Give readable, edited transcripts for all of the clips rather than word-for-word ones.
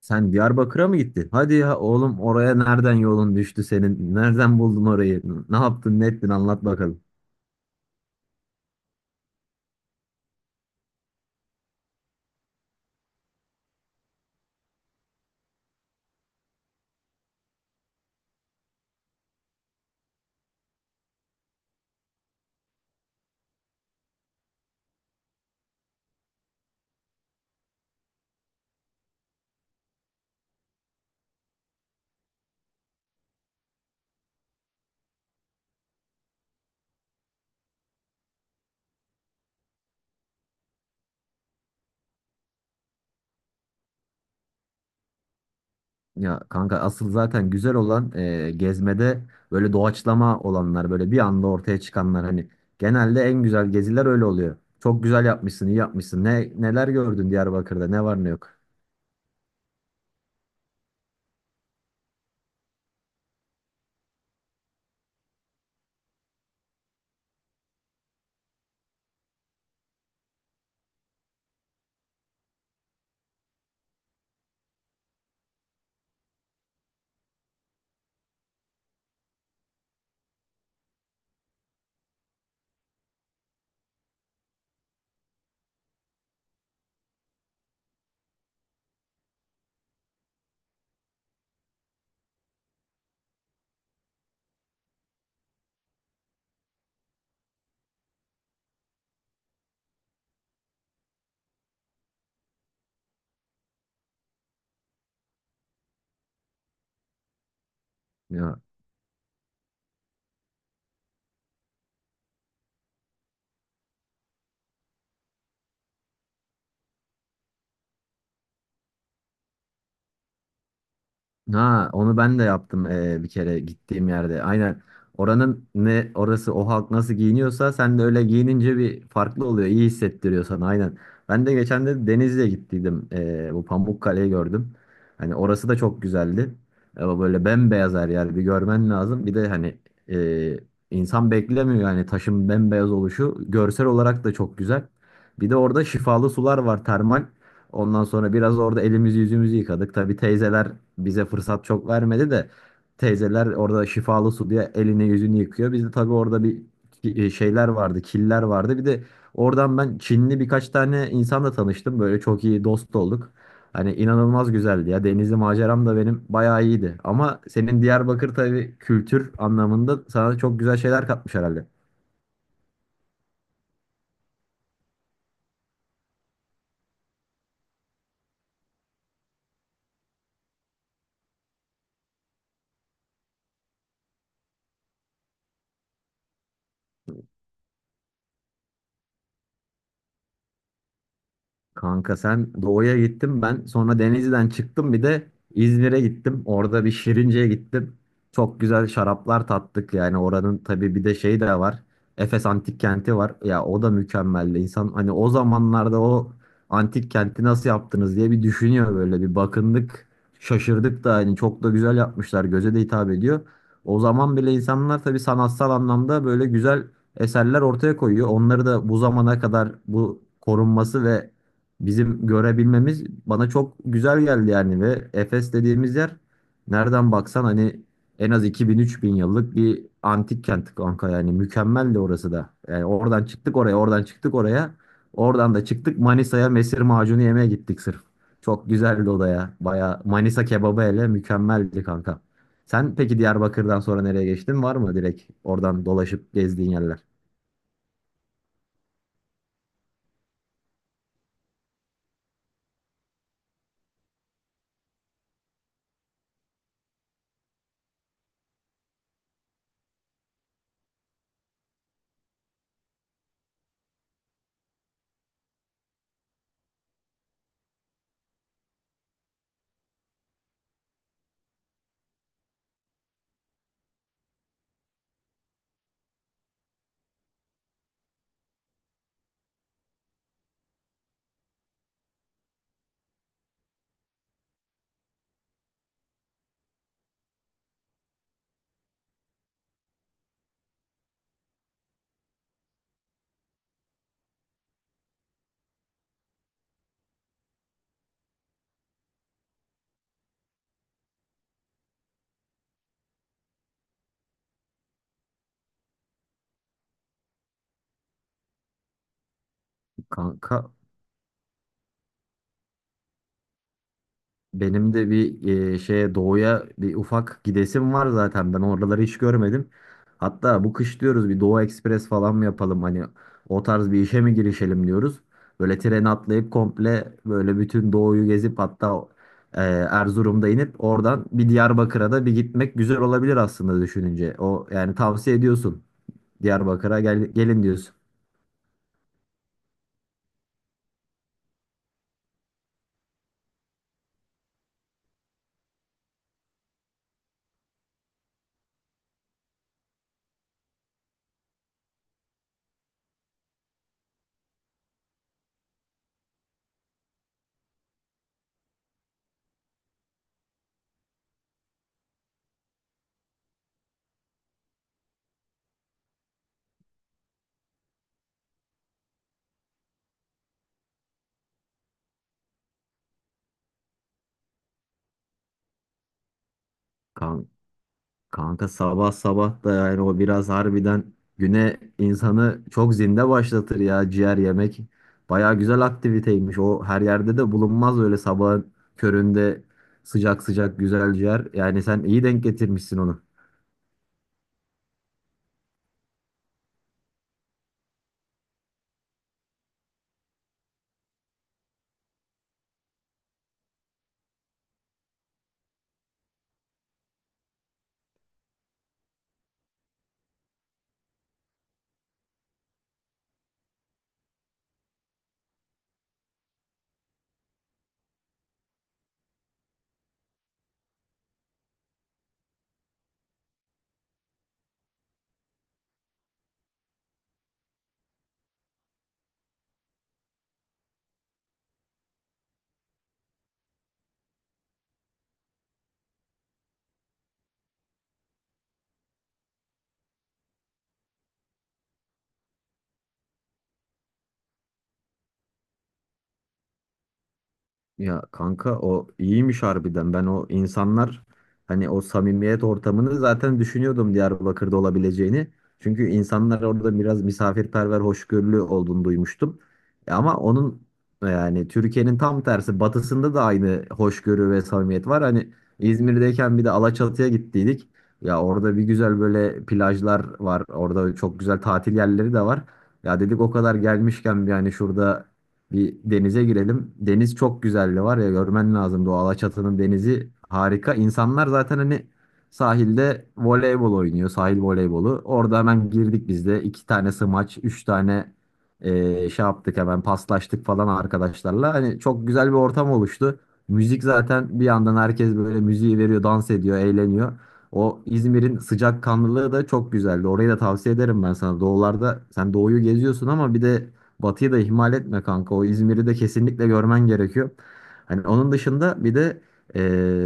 Sen Diyarbakır'a mı gittin? Hadi ya oğlum oraya nereden yolun düştü senin? Nereden buldun orayı? Ne yaptın, ne ettin? Anlat bakalım. Ya kanka asıl zaten güzel olan gezmede böyle doğaçlama olanlar, böyle bir anda ortaya çıkanlar hani genelde en güzel geziler öyle oluyor. Çok güzel yapmışsın, iyi yapmışsın. Neler gördün Diyarbakır'da? Ne var ne yok? Ya Ha, onu ben de yaptım bir kere gittiğim yerde. Aynen. Oranın ne orası, o halk nasıl giyiniyorsa sen de öyle giyinince bir farklı oluyor. İyi hissettiriyor sana, aynen. Ben de geçen de Denizli'ye gittiydim. Bu Pamukkale'yi gördüm. Hani orası da çok güzeldi. Ama böyle bembeyaz her yer, bir görmen lazım. Bir de hani eee, insan beklemiyor yani taşın bembeyaz oluşu. Görsel olarak da çok güzel. Bir de orada şifalı sular var, termal. Ondan sonra biraz orada elimizi yüzümüzü yıkadık. Tabii teyzeler bize fırsat çok vermedi de, teyzeler orada şifalı su diye elini yüzünü yıkıyor. Bizde tabii orada bir şeyler vardı, killer vardı. Bir de oradan ben Çinli birkaç tane insanla tanıştım. Böyle çok iyi dost olduk. Hani inanılmaz güzeldi ya. Denizli maceram da benim bayağı iyiydi. Ama senin Diyarbakır tabii kültür anlamında sana çok güzel şeyler katmış herhalde. Kanka sen doğuya gittin, ben sonra Denizli'den çıktım bir de İzmir'e gittim. Orada bir Şirince'ye gittim. Çok güzel şaraplar tattık, yani oranın tabii bir de şey de var. Efes Antik Kenti var. Ya o da mükemmeldi. İnsan hani o zamanlarda o antik kenti nasıl yaptınız diye bir düşünüyor, böyle bir bakındık. Şaşırdık da, hani çok da güzel yapmışlar. Göze de hitap ediyor. O zaman bile insanlar tabii sanatsal anlamda böyle güzel eserler ortaya koyuyor. Onları da bu zamana kadar bu korunması ve bizim görebilmemiz bana çok güzel geldi yani. Ve Efes dediğimiz yer nereden baksan hani en az 2000-3000 yıllık bir antik kent kanka, yani mükemmeldi orası da. Yani oradan çıktık oraya, oradan çıktık oraya. Oradan da çıktık Manisa'ya, mesir macunu yemeye gittik sırf. Çok güzeldi o da ya. Baya Manisa kebabı hele mükemmeldi kanka. Sen peki Diyarbakır'dan sonra nereye geçtin? Var mı direkt oradan dolaşıp gezdiğin yerler? Kanka benim de bir şeye, doğuya bir ufak gidesim var zaten. Ben oraları hiç görmedim. Hatta bu kış diyoruz, bir Doğu Ekspres falan mı yapalım? Hani o tarz bir işe mi girişelim diyoruz. Böyle treni atlayıp komple böyle bütün doğuyu gezip hatta Erzurum'da inip oradan bir Diyarbakır'a da bir gitmek güzel olabilir aslında düşününce. O yani tavsiye ediyorsun. Diyarbakır'a gel, gelin diyorsun. Kanka sabah sabah da yani o biraz harbiden güne insanı çok zinde başlatır ya ciğer yemek. Baya güzel aktiviteymiş. O her yerde de bulunmaz, öyle sabahın köründe sıcak sıcak güzel ciğer. Yani sen iyi denk getirmişsin onu. Ya kanka o iyiymiş harbiden. Ben o insanlar, hani o samimiyet ortamını zaten düşünüyordum Diyarbakır'da olabileceğini. Çünkü insanlar orada biraz misafirperver, hoşgörülü olduğunu duymuştum. Ama onun yani Türkiye'nin tam tersi batısında da aynı hoşgörü ve samimiyet var. Hani İzmir'deyken bir de Alaçatı'ya gittiydik. Ya orada bir güzel böyle plajlar var. Orada çok güzel tatil yerleri de var. Ya dedik o kadar gelmişken bir hani şurada bir denize girelim. Deniz çok güzeldi var ya, görmen lazım, o Alaçatı'nın denizi harika. İnsanlar zaten hani sahilde voleybol oynuyor. Sahil voleybolu. Orada hemen girdik biz de. İki tane smaç, üç tane şey yaptık, hemen paslaştık falan arkadaşlarla. Hani çok güzel bir ortam oluştu. Müzik zaten bir yandan, herkes böyle müziği veriyor, dans ediyor, eğleniyor. O İzmir'in sıcakkanlılığı da çok güzeldi. Orayı da tavsiye ederim ben sana. Doğularda sen doğuyu geziyorsun ama bir de Batı'yı da ihmal etme kanka. O İzmir'i de kesinlikle görmen gerekiyor. Hani onun dışında bir de e,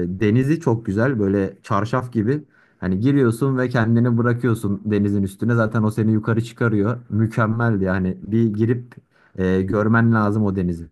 denizi çok güzel. Böyle çarşaf gibi. Hani giriyorsun ve kendini bırakıyorsun denizin üstüne. Zaten o seni yukarı çıkarıyor. Mükemmeldi yani. Bir girip görmen lazım o denizi.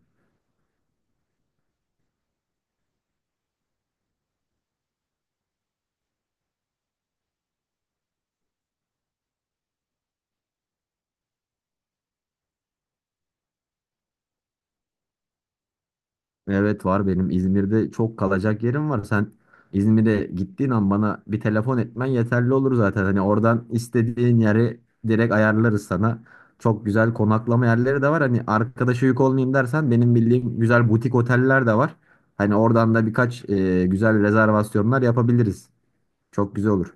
Evet var, benim İzmir'de çok kalacak yerim var. Sen İzmir'e gittiğin an bana bir telefon etmen yeterli olur zaten. Hani oradan istediğin yeri direkt ayarlarız sana. Çok güzel konaklama yerleri de var. Hani arkadaşa yük olmayayım dersen, benim bildiğim güzel butik oteller de var. Hani oradan da birkaç güzel rezervasyonlar yapabiliriz. Çok güzel olur.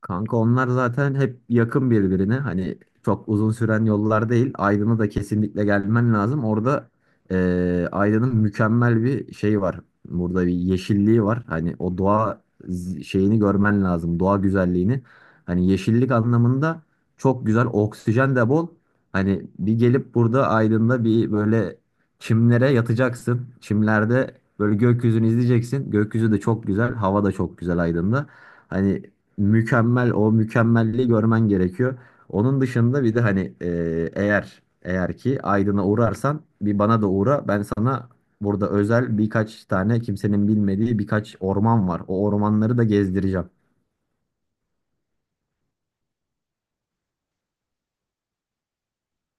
Kanka onlar zaten hep yakın birbirine. Hani çok uzun süren yollar değil. Aydın'a da kesinlikle gelmen lazım. Orada Aydın'ın mükemmel bir şey var. Burada bir yeşilliği var. Hani o doğa şeyini görmen lazım. Doğa güzelliğini. Hani yeşillik anlamında çok güzel. Oksijen de bol. Hani bir gelip burada Aydın'da bir böyle çimlere yatacaksın. Çimlerde böyle gökyüzünü izleyeceksin. Gökyüzü de çok güzel. Hava da çok güzel Aydın'da. Hani mükemmel, o mükemmelliği görmen gerekiyor. Onun dışında bir de hani eğer ki Aydın'a uğrarsan bir bana da uğra. Ben sana burada özel birkaç tane kimsenin bilmediği birkaç orman var. O ormanları da gezdireceğim.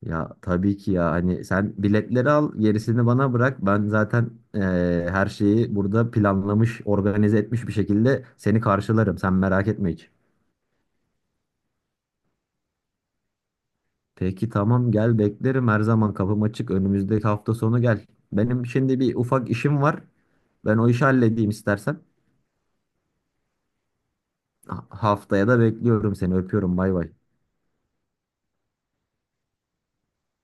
Ya tabii ki ya, hani sen biletleri al, gerisini bana bırak. Ben zaten e, her şeyi burada planlamış, organize etmiş bir şekilde seni karşılarım. Sen merak etme hiç. Peki tamam gel, beklerim, her zaman kapım açık, önümüzdeki hafta sonu gel. Benim şimdi bir ufak işim var. Ben o işi halledeyim istersen. Haftaya da bekliyorum seni, öpüyorum, bay bay.